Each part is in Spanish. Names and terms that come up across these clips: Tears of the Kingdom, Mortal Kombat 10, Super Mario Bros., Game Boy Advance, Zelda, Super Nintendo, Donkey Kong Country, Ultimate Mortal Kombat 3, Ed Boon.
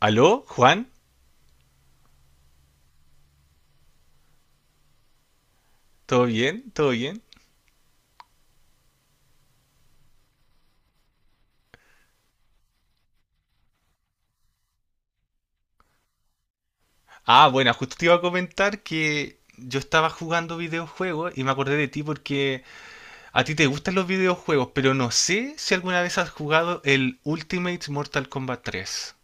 ¿Aló, Juan? ¿Todo bien? ¿Todo bien? Bueno, justo te iba a comentar que yo estaba jugando videojuegos y me acordé de ti porque a ti te gustan los videojuegos, pero no sé si alguna vez has jugado el Ultimate Mortal Kombat 3.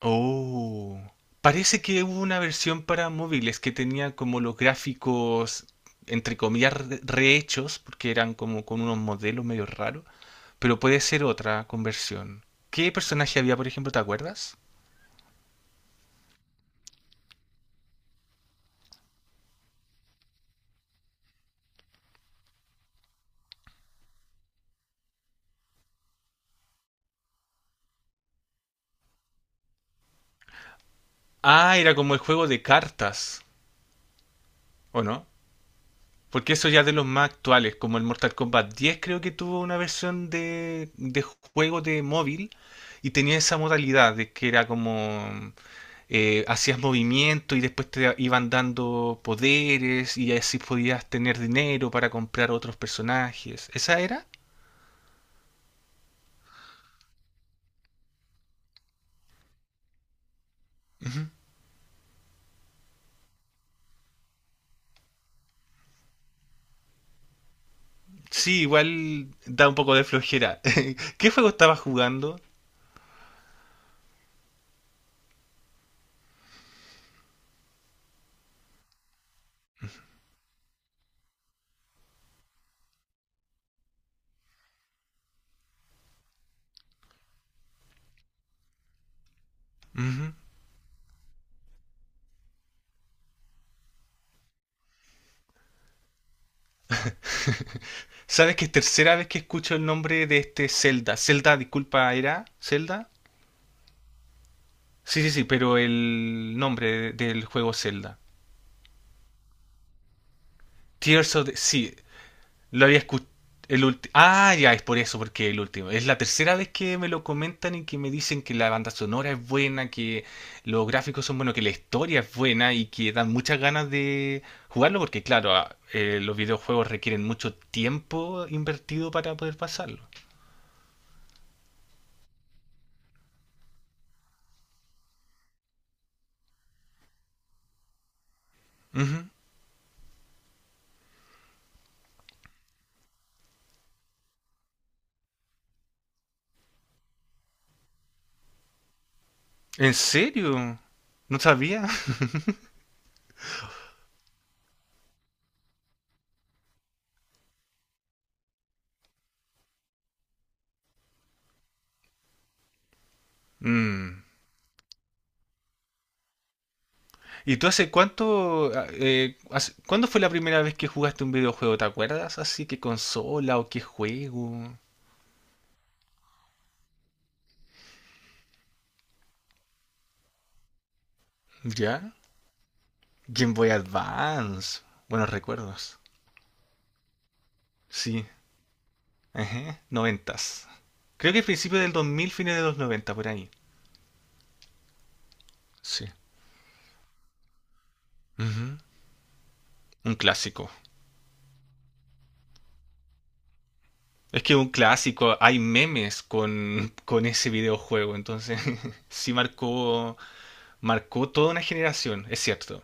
Oh, parece que hubo una versión para móviles que tenía como los gráficos, entre comillas, rehechos, porque eran como con unos modelos medio raros, pero puede ser otra conversión. ¿Qué personaje había, por ejemplo, te acuerdas? Ah, era como el juego de cartas, ¿o no? Porque eso ya es de los más actuales, como el Mortal Kombat 10 creo que tuvo una versión de juego de móvil y tenía esa modalidad de que era como hacías movimiento y después te iban dando poderes y así podías tener dinero para comprar otros personajes. ¿Esa era? Ujú. Sí, igual da un poco de flojera. ¿Qué juego estabas jugando? ¿Sabes que es tercera vez que escucho el nombre de este Zelda? Zelda, disculpa, ¿era Zelda? Sí, sí, sí, pero el del juego Zelda. Tears of the... Sí, lo había escuchado. El ya, es por eso, porque el último. Es la tercera vez que me lo comentan y que me dicen que la banda sonora es buena, que los gráficos son buenos, que la historia es buena y que dan muchas ganas de jugarlo, porque claro, los videojuegos requieren mucho tiempo invertido para poder pasarlo. Ujú. ¿En serio? No sabía. Mm. ¿Y tú hace cuánto, cuándo fue la primera vez que jugaste un videojuego? ¿Te acuerdas? Así, ¿qué consola o qué juego? ¿Ya? Game Boy Advance. Buenos recuerdos. Sí. Ajá. Noventas. Creo que principio del 2000, fines de los 90 por ahí. Sí. Ujú. Un clásico. Es que un clásico, hay memes con ese videojuego, entonces sí marcó. Marcó toda una generación, es cierto.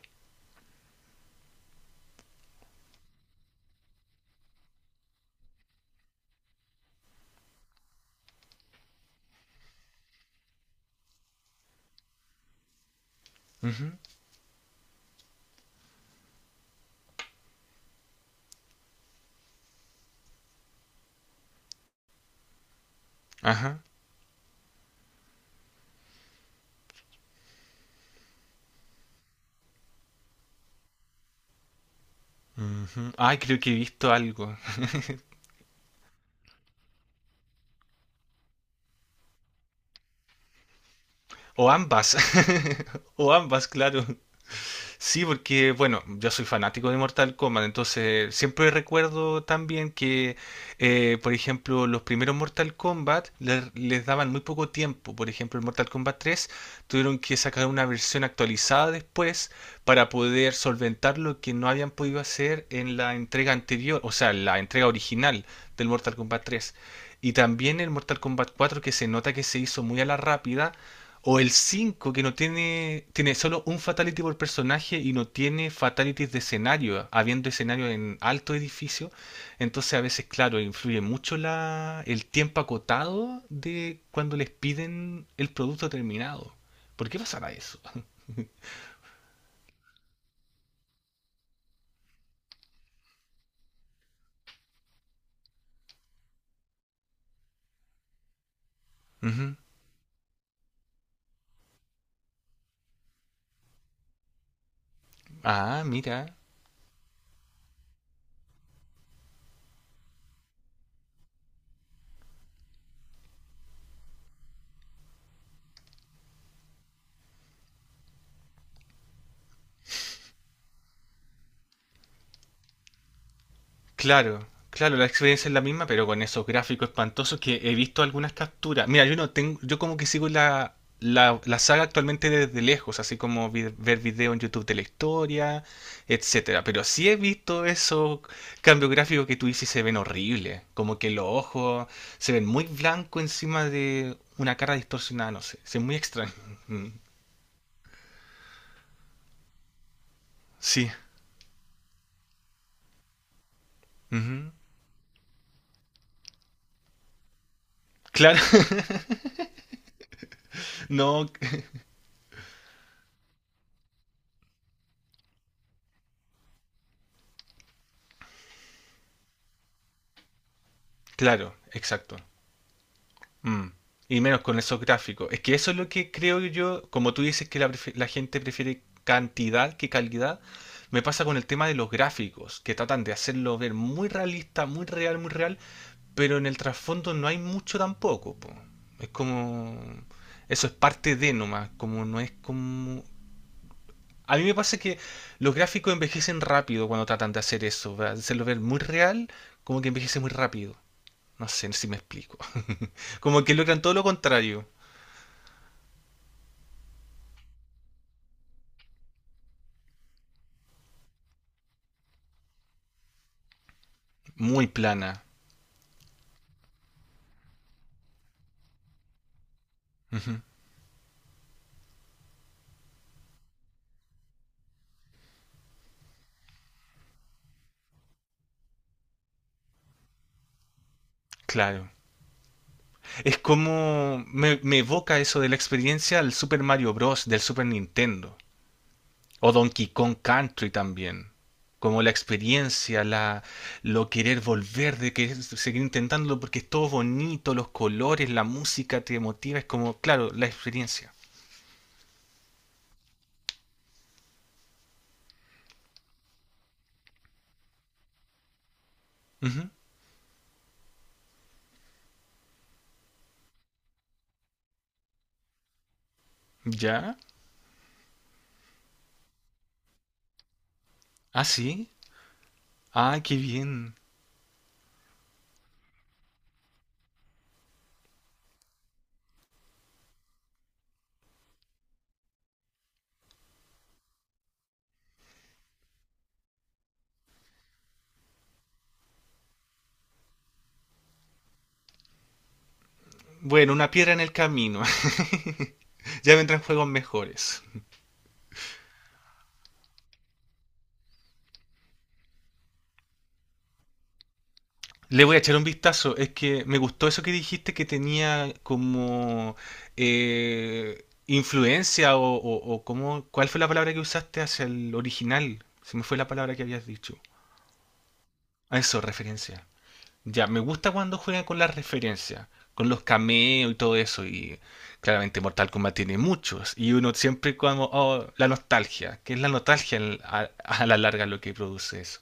Ujú. Ajá. Ujú. Ay, creo que he visto algo. O ambas. O ambas, claro. Sí, porque bueno, yo soy fanático de Mortal Kombat, entonces siempre recuerdo también que, por ejemplo, los primeros Mortal Kombat les daban muy poco tiempo. Por ejemplo, el Mortal Kombat 3 tuvieron que sacar una versión actualizada después para poder solventar lo que no habían podido hacer en la entrega anterior, o sea, la entrega original del Mortal Kombat 3. Y también el Mortal Kombat 4 que se nota que se hizo muy a la rápida o el 5 que no tiene, tiene solo un fatality por personaje y no tiene fatalities de escenario, habiendo escenario en alto edificio. Entonces a veces, claro, influye mucho el tiempo acotado de cuando les piden el producto terminado. ¿Por qué pasará eso? Ujú. Ah, mira. Claro, claro, la experiencia es la misma, pero con esos gráficos espantosos que he visto algunas capturas. Mira, yo no tengo, yo como que sigo la saga actualmente desde lejos, así como ver video en YouTube de la historia, etcétera. Pero sí he visto esos cambios gráficos que tú dices y se ven horribles, como que los ojos se ven muy blancos encima de una cara distorsionada, no sé, es muy extraño. Mm. Sí, ujú. Claro, no, claro, exacto. Mm. Y menos con esos gráficos. Es que eso es lo que creo yo, como tú dices que la gente prefiere cantidad que calidad, me pasa con el tema de los gráficos, que tratan de hacerlo ver muy realista, muy real, muy real, pero en el trasfondo no hay mucho tampoco, po. Es como... Eso es parte de nomás, como no es como... A mí me pasa que los gráficos envejecen rápido cuando tratan de hacer eso, ¿verdad? De hacerlo ver muy real, como que envejece muy rápido. No sé si me explico. Como que logran todo lo contrario. Muy plana. Ujú. Claro. Es como me evoca eso de la experiencia al Super Mario Bros. Del Super Nintendo. O Donkey Kong Country también. Como la experiencia, lo querer volver, de que seguir intentándolo porque es todo bonito, los colores, la música te motiva. Es como, claro, la experiencia. Ujú. ¿Ya? ¿Ah, sí? Ah, qué bien. Bueno, una piedra en el camino. Ya vendrán juegos mejores. Le voy a echar un vistazo. Es que me gustó eso que dijiste que tenía como influencia ¿cuál fue la palabra que usaste hacia el original? Se me fue la palabra que habías dicho. Ah, eso, referencia. Ya, me gusta cuando juegan con las referencias, con los cameos y todo eso. Y claramente Mortal Kombat tiene muchos. Y uno siempre como, oh, la nostalgia, que es la nostalgia a la larga lo que produce eso.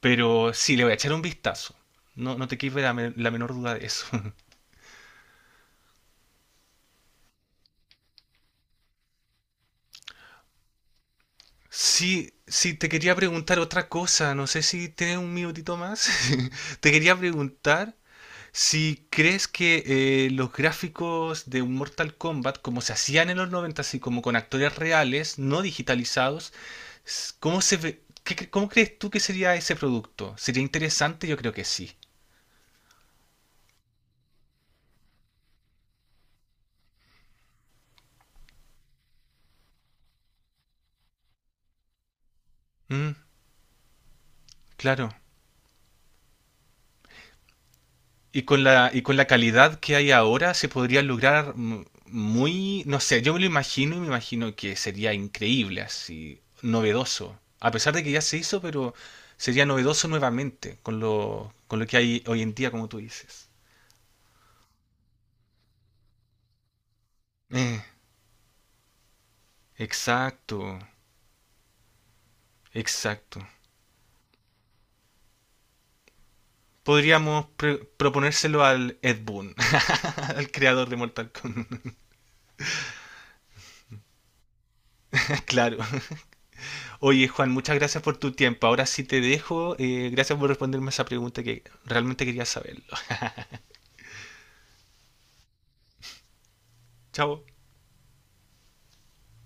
Pero sí, le voy a echar un vistazo. No, no te quepa la menor duda de eso. Sí, sí, te quería preguntar otra cosa. No sé si tienes un minutito más. Te quería preguntar si crees que los gráficos de Mortal Kombat, como se hacían en los 90, así como con actores reales, no digitalizados, s- ¿cómo se ve- qué cre- ¿cómo crees tú que sería ese producto? ¿Sería interesante? Yo creo que sí. Mm, claro. Y con y con la calidad que hay ahora se podría lograr muy, no sé, yo me lo imagino y me imagino que sería increíble, así, novedoso. A pesar de que ya se hizo, pero sería novedoso nuevamente con con lo que hay hoy en día, como tú dices. Eh, exacto, exacto. Podríamos proponérselo al Ed Boon, al creador de Mortal Kombat. Claro. Oye, Juan, muchas gracias por tu tiempo. Ahora sí te dejo. Gracias por responderme esa pregunta que realmente quería saber. Chao.